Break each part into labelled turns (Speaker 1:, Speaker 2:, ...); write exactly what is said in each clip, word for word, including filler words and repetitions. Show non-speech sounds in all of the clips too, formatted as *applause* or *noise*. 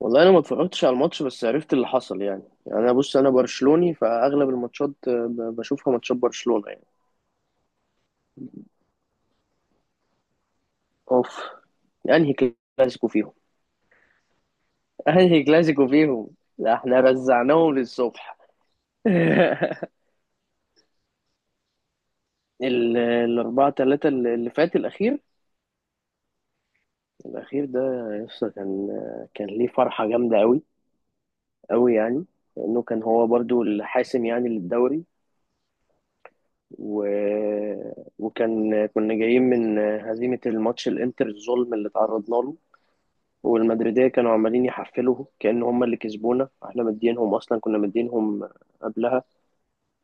Speaker 1: والله انا ما اتفرجتش على الماتش بس عرفت اللي حصل يعني، يعني انا بص انا برشلوني فاغلب الماتشات، آه، ب- بشوفها ماتشات برشلونة يعني. اوف. انهي كلاسيكو فيهم؟ *laughs* انهي كلاسيكو فيهم؟ ده احنا رزعناهم للصبح. *laughs* ال- الأربعة تلاتة اللي اللي فات الأخير. الأخير ده، يسطا كان، كان ليه فرحة جامدة أوي، أوي يعني. لأنه كان هو برضو الحاسم يعني للدوري. و... وكان كنا جايين من هزيمة الماتش الإنتر، الظلم اللي تعرضنا له. والمدريدية كانوا عمالين يحفلوا كأن هم اللي كسبونا، احنا مدينهم اصلا، كنا مدينهم قبلها.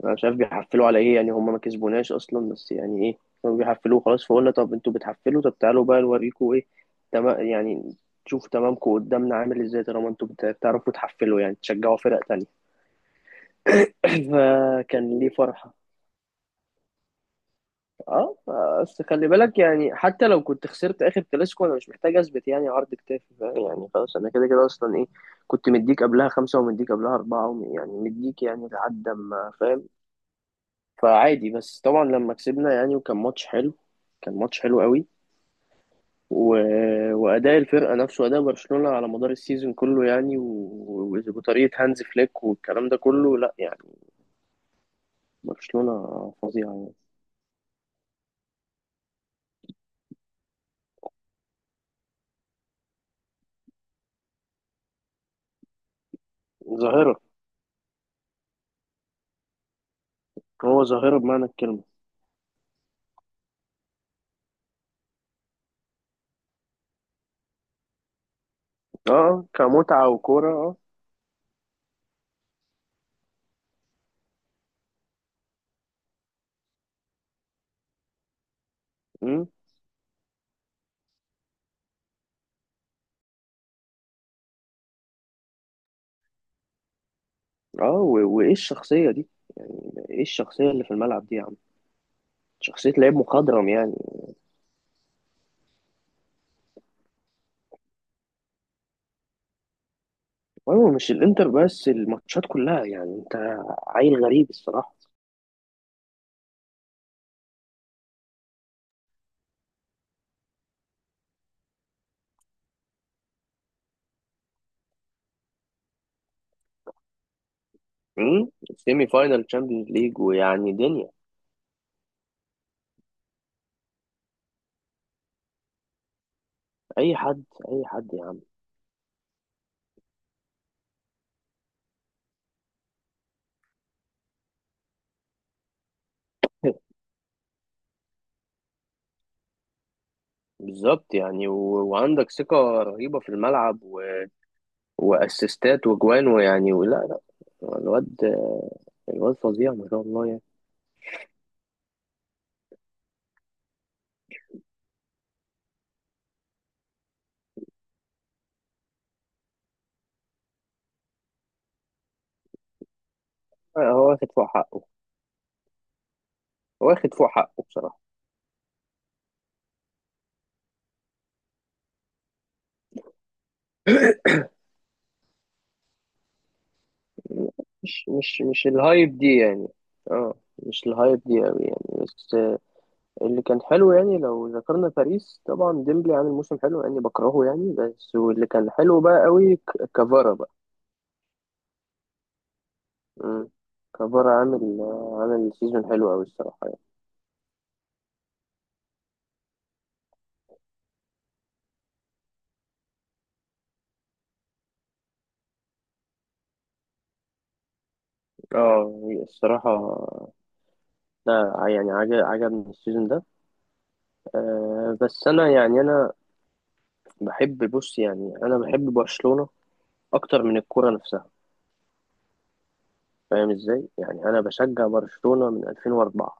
Speaker 1: انا مش عارف بيحفلوا على ايه يعني، هم ما كسبوناش اصلا بس يعني ايه. كانوا بيحفلوا خلاص، فقلنا طب انتوا بتحفلوا، طب تعالوا بقى نوريكم ايه. تمام يعني. تشوف تمامكم قدامنا عامل ازاي طالما انتوا بت- بتعرفوا تحفلوا يعني، تشجعوا فرق تانية. *clears throat* *laughs* فكان ليه فرحة. اه، اصل خلي بالك يعني، حتى لو كنت خسرت اخر كلاسيكو، انا مش محتاج اثبت يعني عرض كتافي، فاهم؟ يعني خلاص انا كده كده اصلا ايه. كنت مديك قبلها خمسة، ومديك قبلها أربعة، وم- يعني مديك يعني لحد ما فاهم. فعادي، بس طبعا لما كسبنا يعني، وكان ماتش حلو. كان ماتش حلو قوي. و... وأداء الفرقة نفسه، أداء برشلونة على مدار السيزون كله يعني، و... وطريقة هانز فليك والكلام ده كله، لا يعني. برشلونة فظيعة يعني. ظاهرة. هو ظاهرة بمعنى الكلمة. اه، كمتعة وكورة اه. مم. اه، و- وايه الشخصية دي؟ يعني ايه الشخصية اللي في الملعب دي يا عم؟ شخصية لعيب مخضرم يعني. ايوه، مش الانتر بس، الماتشات كلها يعني، انت. عيل غريب الصراحة. امم سيمي فاينال تشامبيونز ليج، ويعني دنيا. اي حد. اي حد يا عم. *laughs* بالظبط يعني، و... وعندك ثقة رهيبة في الملعب، و... واسيستات وجوان ويعني ولا لا. الواد، الواد فظيع ما شاء الله يعني. هو واخد فوق حقه. واخد فوق حقه بصراحة. *laughs* *coughs* مش مش مش الهايب دي يعني. اه، مش الهايب دي قوي يعني، بس. اللي كان حلو يعني لو ذكرنا باريس طبعا، ديمبلي عامل موسم حلو يعني، بكرهه يعني بس. واللي كان حلو بقى قوي ك- كفارا بقى. مم. كفارا عامل، عامل سيزون حلو قوي الصراحة يعني. اه الصراحة. لا يعني عج- عجبني السيزون ده. أه بس انا يعني انا بحب، بص يعني، انا بحب برشلونة اكتر من الكرة نفسها. فاهم ازاي؟ يعني انا بشجع برشلونة من ألفين واربعة.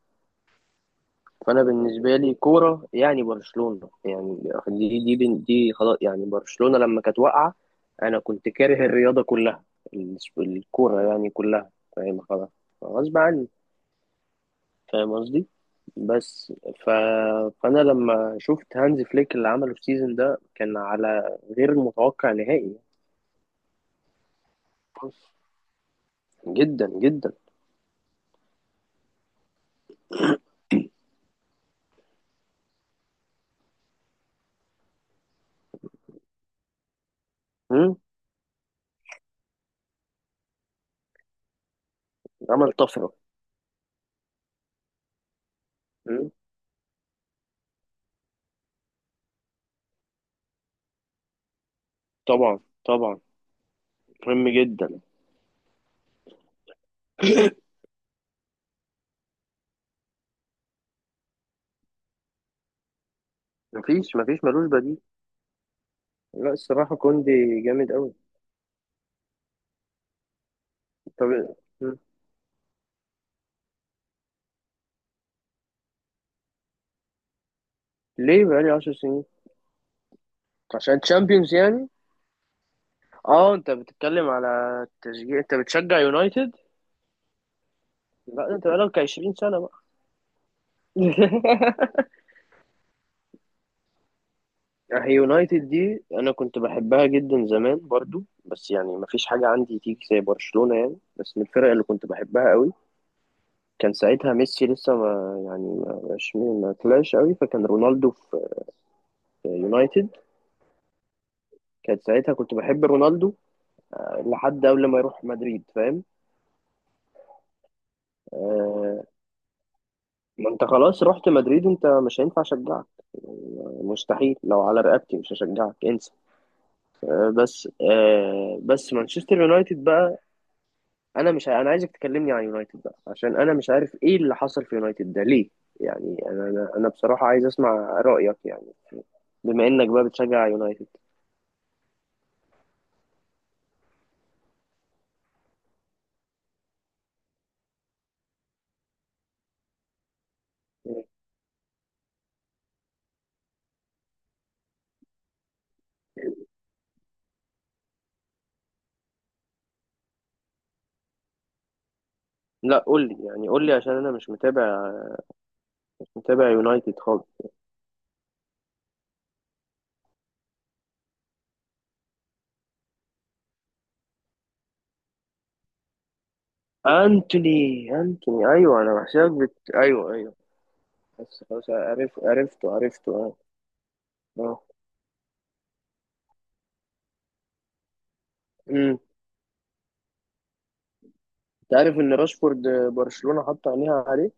Speaker 1: فانا بالنسبه لي كوره يعني برشلونه يعني. دي دي بن- دي خلاص يعني، برشلونه لما كانت واقعه، انا كنت كاره الرياضه كلها، الس- الكوره يعني كلها، فاهم؟ خلاص، غصب عني، فاهم قصدي؟ بس ف... فانا لما شفت هانز فليك اللي عمله في السيزون ده، كان على غير متوقع نهائي. جدا جدا. مم؟ عمل طفره. مم؟ طبعا، طبعا. مهم جدا. *coughs* *clears throat* مفيش مفيش ملوش بديل. لا الصراحه كوندي جامد قوي. طب، م. ليه بقالي 10 سنين؟ عشان تشامبيونز يعني. اه، انت بتتكلم على تشجيع، انت بتشجع يونايتد. لا انت بقالك 20 سنة بقى. *laughs* هي يونايتد دي انا كنت بحبها جدا زمان برضو، بس يعني ما فيش حاجة عندي تيجي زي برشلونة يعني، بس من الفرق اللي كنت بحبها قوي. كان ساعتها ميسي لسه ما يعني، ما مش ما طلعش قوي، فكان رونالدو في، في يونايتد. كانت ساعتها كنت بحب رونالدو لحد قبل ما يروح مدريد فاهم. آه، ما انت خلاص رحت مدريد، انت مش هينفع اشجعك. مستحيل، لو على رقبتي مش هشجعك، انسى. آه، بس آه، بس مانشستر يونايتد بقى، انا مش ع- انا عايزك تكلمني عن يونايتد بقى عشان انا مش عارف ايه اللي حصل في يونايتد ده ليه. يعني انا انا أنا بصراحة عايز اسمع رأيك يعني، بما انك بقى بتشجع يونايتد. لا قول لي يعني، قول لي عشان انا مش متابع، مش متابع يونايتد خالص. انتوني، انتوني ايوه، انا بحسابك بت... ايوه، ايوه. بس خلاص عرفت، عرفته، عرفته. اه. امم انت عارف ان راشفورد برشلونة حط عينيها عليه؟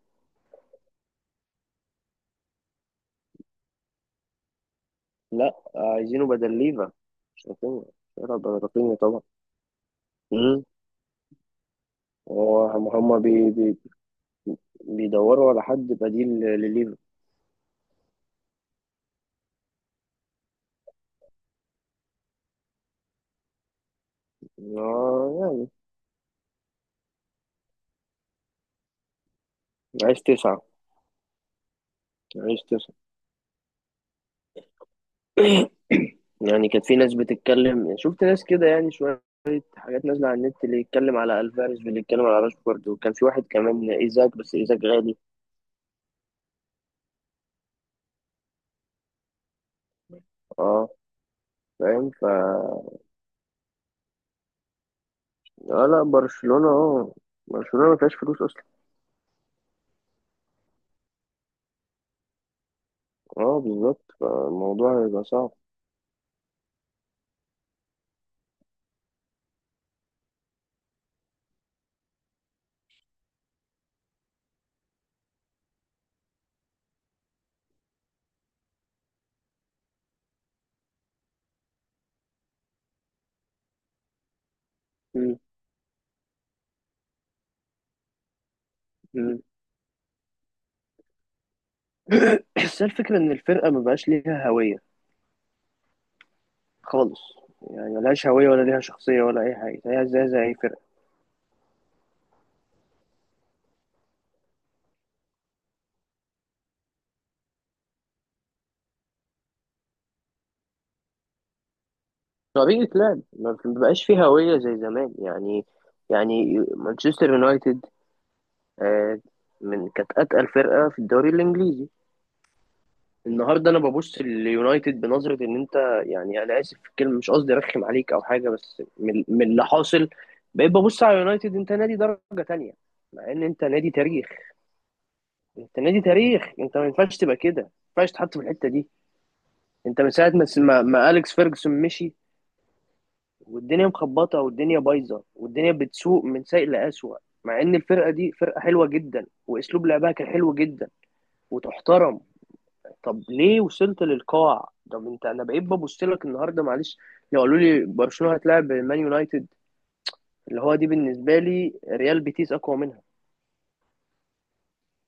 Speaker 1: لا عايزينه بدل ليفا، مش رافينيا. شهرة بدل رافينيا طبعا. امم هو- هما بي بي بيدوروا على حد بديل لليفا. آه، يعني عايز تسعة. عايز تسعة. *coughs* يعني كانت في ناس بتتكلم، شفت ناس كده يعني، شوية حاجات نازلة على النت، اللي يتكلم على ألفاريز واللي يتكلم على راشفورد، وكان في واحد كمان إيزاك، بس إيزاك غالي. اه. فاهم، ف اه لا برشلونة اه، برشلونة ما فيهاش فلوس أصلا. اه بالظبط، فالموضوع هيبقى صعب. مم. مم. *coughs* *clears throat* بس هي الفكرة، إن الفرقة ما بقاش ليها هوية خالص. يعني ملهاش هوية، ولا ليها شخصية، ولا أي حاجة، هي زي زي أي فرقة. طريقة لعب ما بقاش فيه هوية زي زمان يعني. يعني مانشستر يونايتد، آه، من كانت أتقل فرقة في الدوري الإنجليزي. النهارده انا ببص لليونايتد بنظره، ان انت، يعني انا اسف في الكلمه، مش قصدي ارخم عليك او حاجه، بس من, من اللي حاصل، بقيت ببص على اليونايتد انت نادي درجه تانية، مع ان انت نادي تاريخ. انت نادي تاريخ، انت ما ينفعش تبقى كده، ما ينفعش تتحط في الحته دي. انت من ساعه ما ما ما اليكس فيرجسون مشي، والدنيا مخبطه، والدنيا بايظه، والدنيا بتسوق من سيء لاسوء، مع ان الفرقه دي فرقه حلوه جدا، واسلوب لعبها كان حلو جدا وتحترم. طب ليه وصلت للقاع؟ طب انت، انا بقيت ببص لك النهارده معلش. لو قالوا لي برشلونه هتلاعب مان يونايتد، اللي هو دي بالنسبه لي ريال بيتيس اقوى منها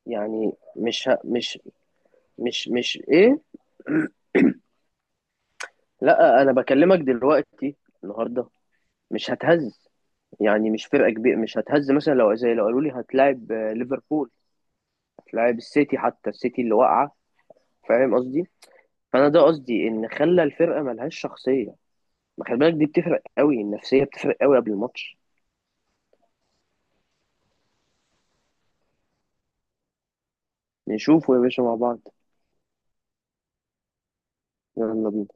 Speaker 1: يعني. مش ه... مش مش مش ايه. *clears throat* لا انا بكلمك دلوقتي، النهارده. مش هتهز يعني، مش فرقه كبيره مش هتهز. مثلا لو زي، لو قالوا لي هتلاعب آه، ليفربول، هتلاعب السيتي، حتى السيتي اللي واقعه، فاهم قصدي؟ فانا ده قصدي، ان خلى الفرقه ملهاش شخصيه. ما خلي بالك دي بتفرق قوي، النفسيه بتفرق قوي قبل الماتش. نشوفه يا باشا مع بعض. يلا بينا.